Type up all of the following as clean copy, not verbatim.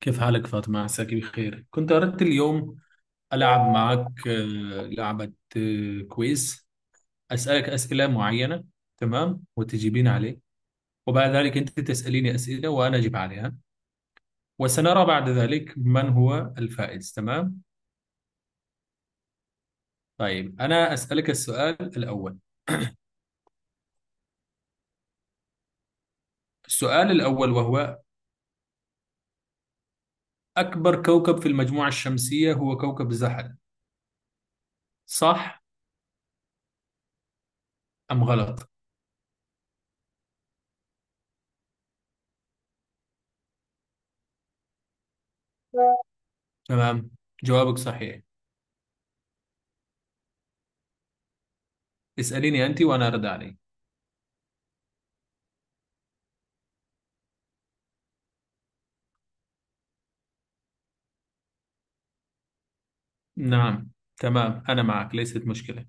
كيف حالك فاطمة؟ عساك بخير. كنت أردت اليوم ألعب معك لعبة كويز، أسألك أسئلة معينة، تمام، وتجيبين عليه، وبعد ذلك أنت تسأليني أسئلة وأنا أجيب عليها، وسنرى بعد ذلك من هو الفائز. تمام. طيب، أنا أسألك السؤال الأول. السؤال الأول وهو: أكبر كوكب في المجموعة الشمسية هو كوكب زحل، صح أم غلط؟ تمام، جوابك صحيح. اسأليني أنت وأنا أرد عليك. نعم، تمام، أنا معك، ليست مشكلة.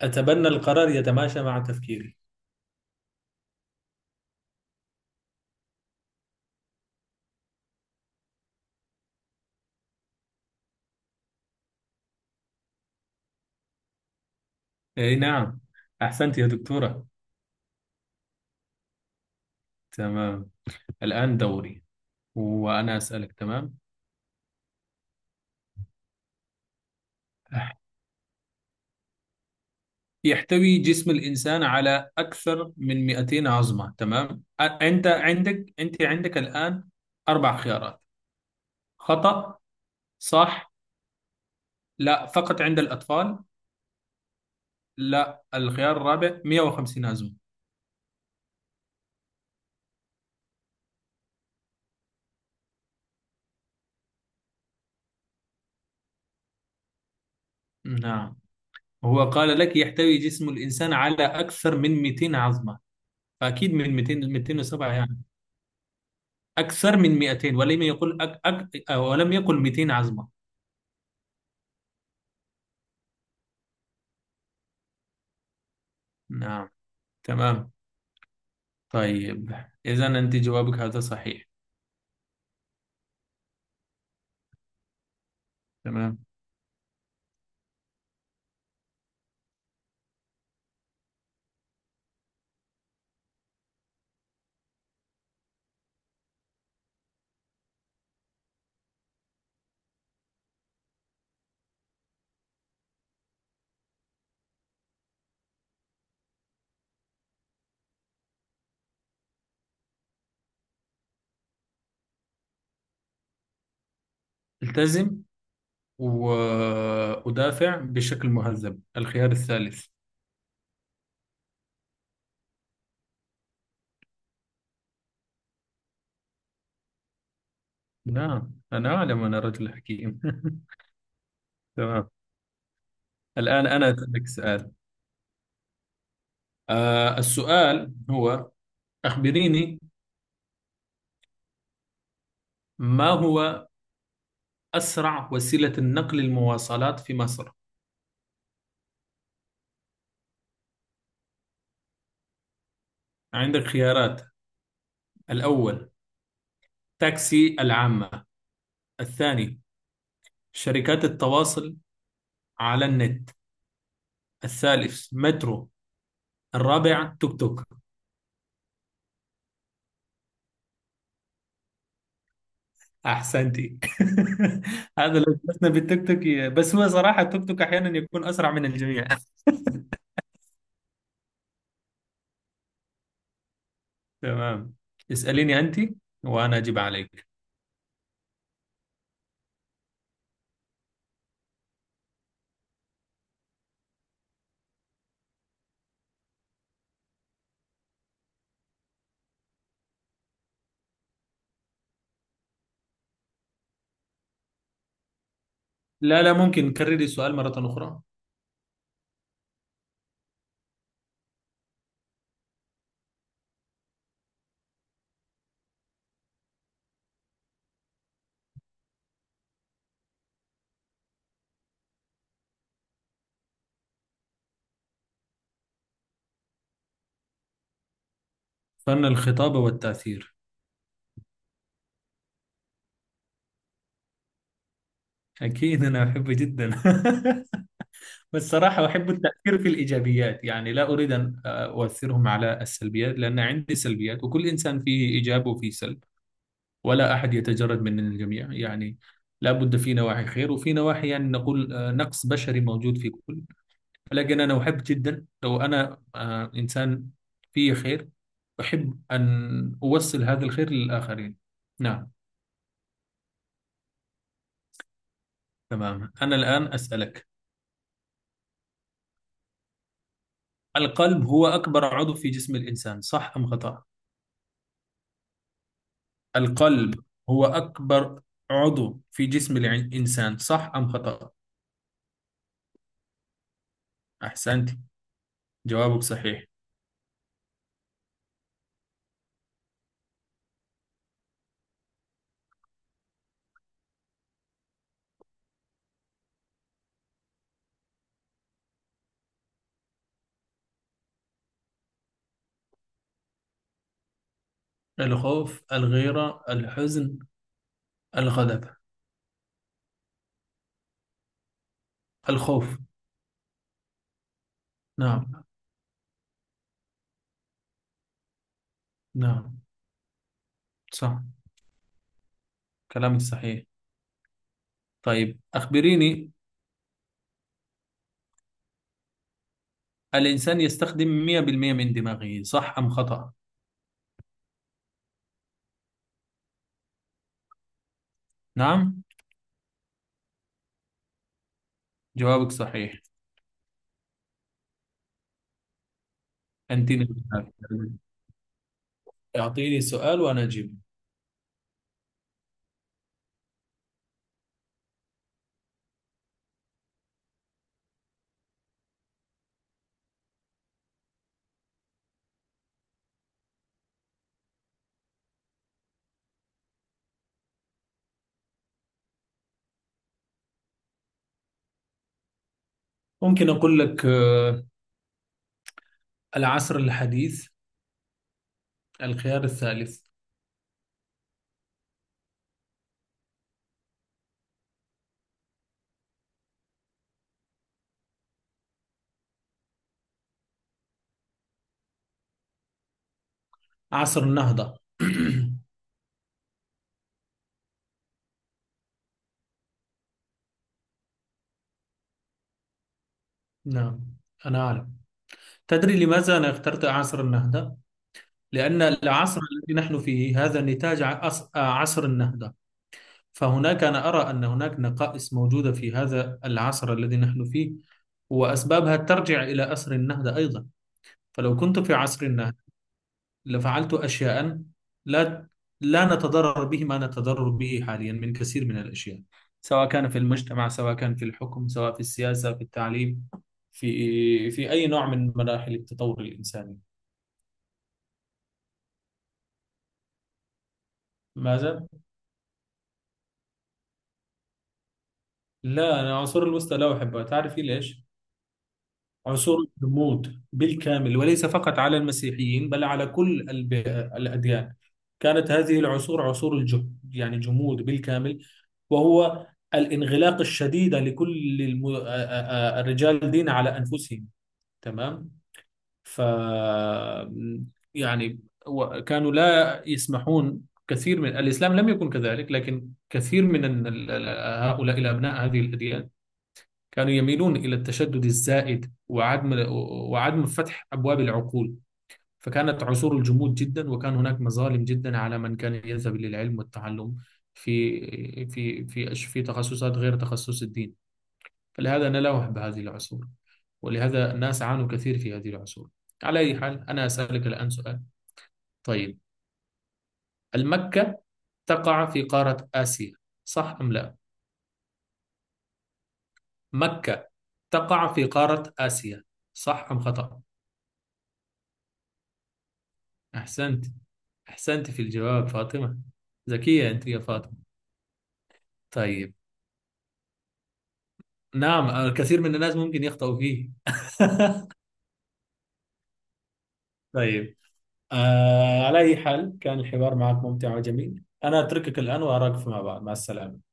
أتبنى القرار يتماشى مع تفكيري. أي نعم. أحسنت يا دكتورة. تمام، الآن دوري وأنا أسألك. تمام، يحتوي جسم الإنسان على أكثر من 200 عظمة. تمام، أنت عندك، أنت عندك الآن أربع خيارات: خطأ، صح، لا فقط عند الأطفال، لا الخيار الرابع 150 عظمة. نعم، هو قال لك يحتوي جسم الإنسان على أكثر من 200 عظمة، أكيد من 200، 200 إصابة يعني، أكثر من 200، ولم يقل أك أك أو ولم يقل 200 عزمة. نعم، تمام، طيب، إذا أنت جوابك هذا صحيح. تمام، التزم وأدافع بشكل مهذب، الخيار الثالث. نعم، أنا أعلم، أنا رجل حكيم. تمام، الآن أنا أسألك سؤال. آه، السؤال هو: أخبريني، ما هو أسرع وسيلة نقل المواصلات في مصر؟ عندك خيارات: الأول تاكسي العامة، الثاني شركات التواصل على النت، الثالث مترو، الرابع توك توك. أحسنتي. هذا لو جلسنا بالتوك توك، بس هو صراحة التوك توك أحيانا يكون أسرع من الجميع. تمام، اسأليني أنت وأنا أجيب عليك. لا، ممكن كرري السؤال مرة أخرى. فن الخطابة والتأثير. أكيد أنا أحبه جدا. بالصراحة أحب التأثير في الإيجابيات، يعني لا أريد أن أؤثرهم على السلبيات، لأن عندي سلبيات، وكل إنسان فيه إيجاب وفيه سلب، ولا أحد يتجرد من الجميع، يعني لا بد في نواحي خير وفي نواحي يعني نقول نقص بشري موجود في كل. لكن أنا أحب جدا لو أنا إنسان فيه خير، أحب أن أوصل هذا الخير للآخرين. نعم. تمام، أنا الآن أسألك: القلب هو أكبر عضو في جسم الإنسان، صح أم خطأ؟ القلب هو أكبر عضو في جسم الإنسان، صح أم خطأ؟ أحسنت، جوابك صحيح. الخوف، الغيرة، الحزن، الغضب. الخوف. نعم، نعم، صح، كلامك صحيح. طيب أخبريني: الإنسان يستخدم 100% من دماغه، صح أم خطأ؟ نعم، جوابك صحيح. أنتني، أعطيني سؤال وأنا أجيب. ممكن أقول لك، العصر الحديث، الخيار الثالث. عصر النهضة. نعم، أنا أعلم. تدري لماذا أنا اخترت عصر النهضة؟ لأن العصر الذي نحن فيه هذا نتاج عصر النهضة، فهناك أنا أرى أن هناك نقائص موجودة في هذا العصر الذي نحن فيه، وأسبابها ترجع إلى عصر النهضة أيضا. فلو كنت في عصر النهضة لفعلت أشياء لا لا نتضرر به ما نتضرر به حاليا من كثير من الأشياء، سواء كان في المجتمع، سواء كان في الحكم، سواء في السياسة، في التعليم، في أي نوع من مراحل التطور الإنساني. ماذا؟ لا، أنا العصور الوسطى لا أحبها. تعرفي ليش؟ عصور الرموز بالكامل، وليس فقط على المسيحيين بل على كل الأديان. كانت هذه العصور عصور الجهد، يعني جمود بالكامل، وهو الانغلاق الشديد لكل الم... آ- آ- آ- الرجال دين على أنفسهم. تمام. ف يعني كانوا لا يسمحون. كثير من الإسلام لم يكن كذلك، لكن كثير من هؤلاء الأبناء هذه الأديان كانوا يميلون إلى التشدد الزائد وعدم فتح أبواب العقول. فكانت عصور الجمود جدا، وكان هناك مظالم جدا على من كان يذهب للعلم والتعلم في في تخصصات غير تخصص الدين. فلهذا نلوح بهذه العصور، ولهذا الناس عانوا كثير في هذه العصور. على أي حال، أنا أسألك الآن سؤال. طيب، المكة تقع في قارة آسيا، صح أم لا؟ مكة تقع في قارة آسيا، صح أم خطأ؟ أحسنت، أحسنت في الجواب فاطمة. ذكية أنت يا فاطمة. طيب، نعم، الكثير من الناس ممكن يخطئوا فيه. طيب، آه، على أي حال كان الحوار معك ممتع وجميل. أنا أتركك الآن وأراك فيما بعد. مع السلامة.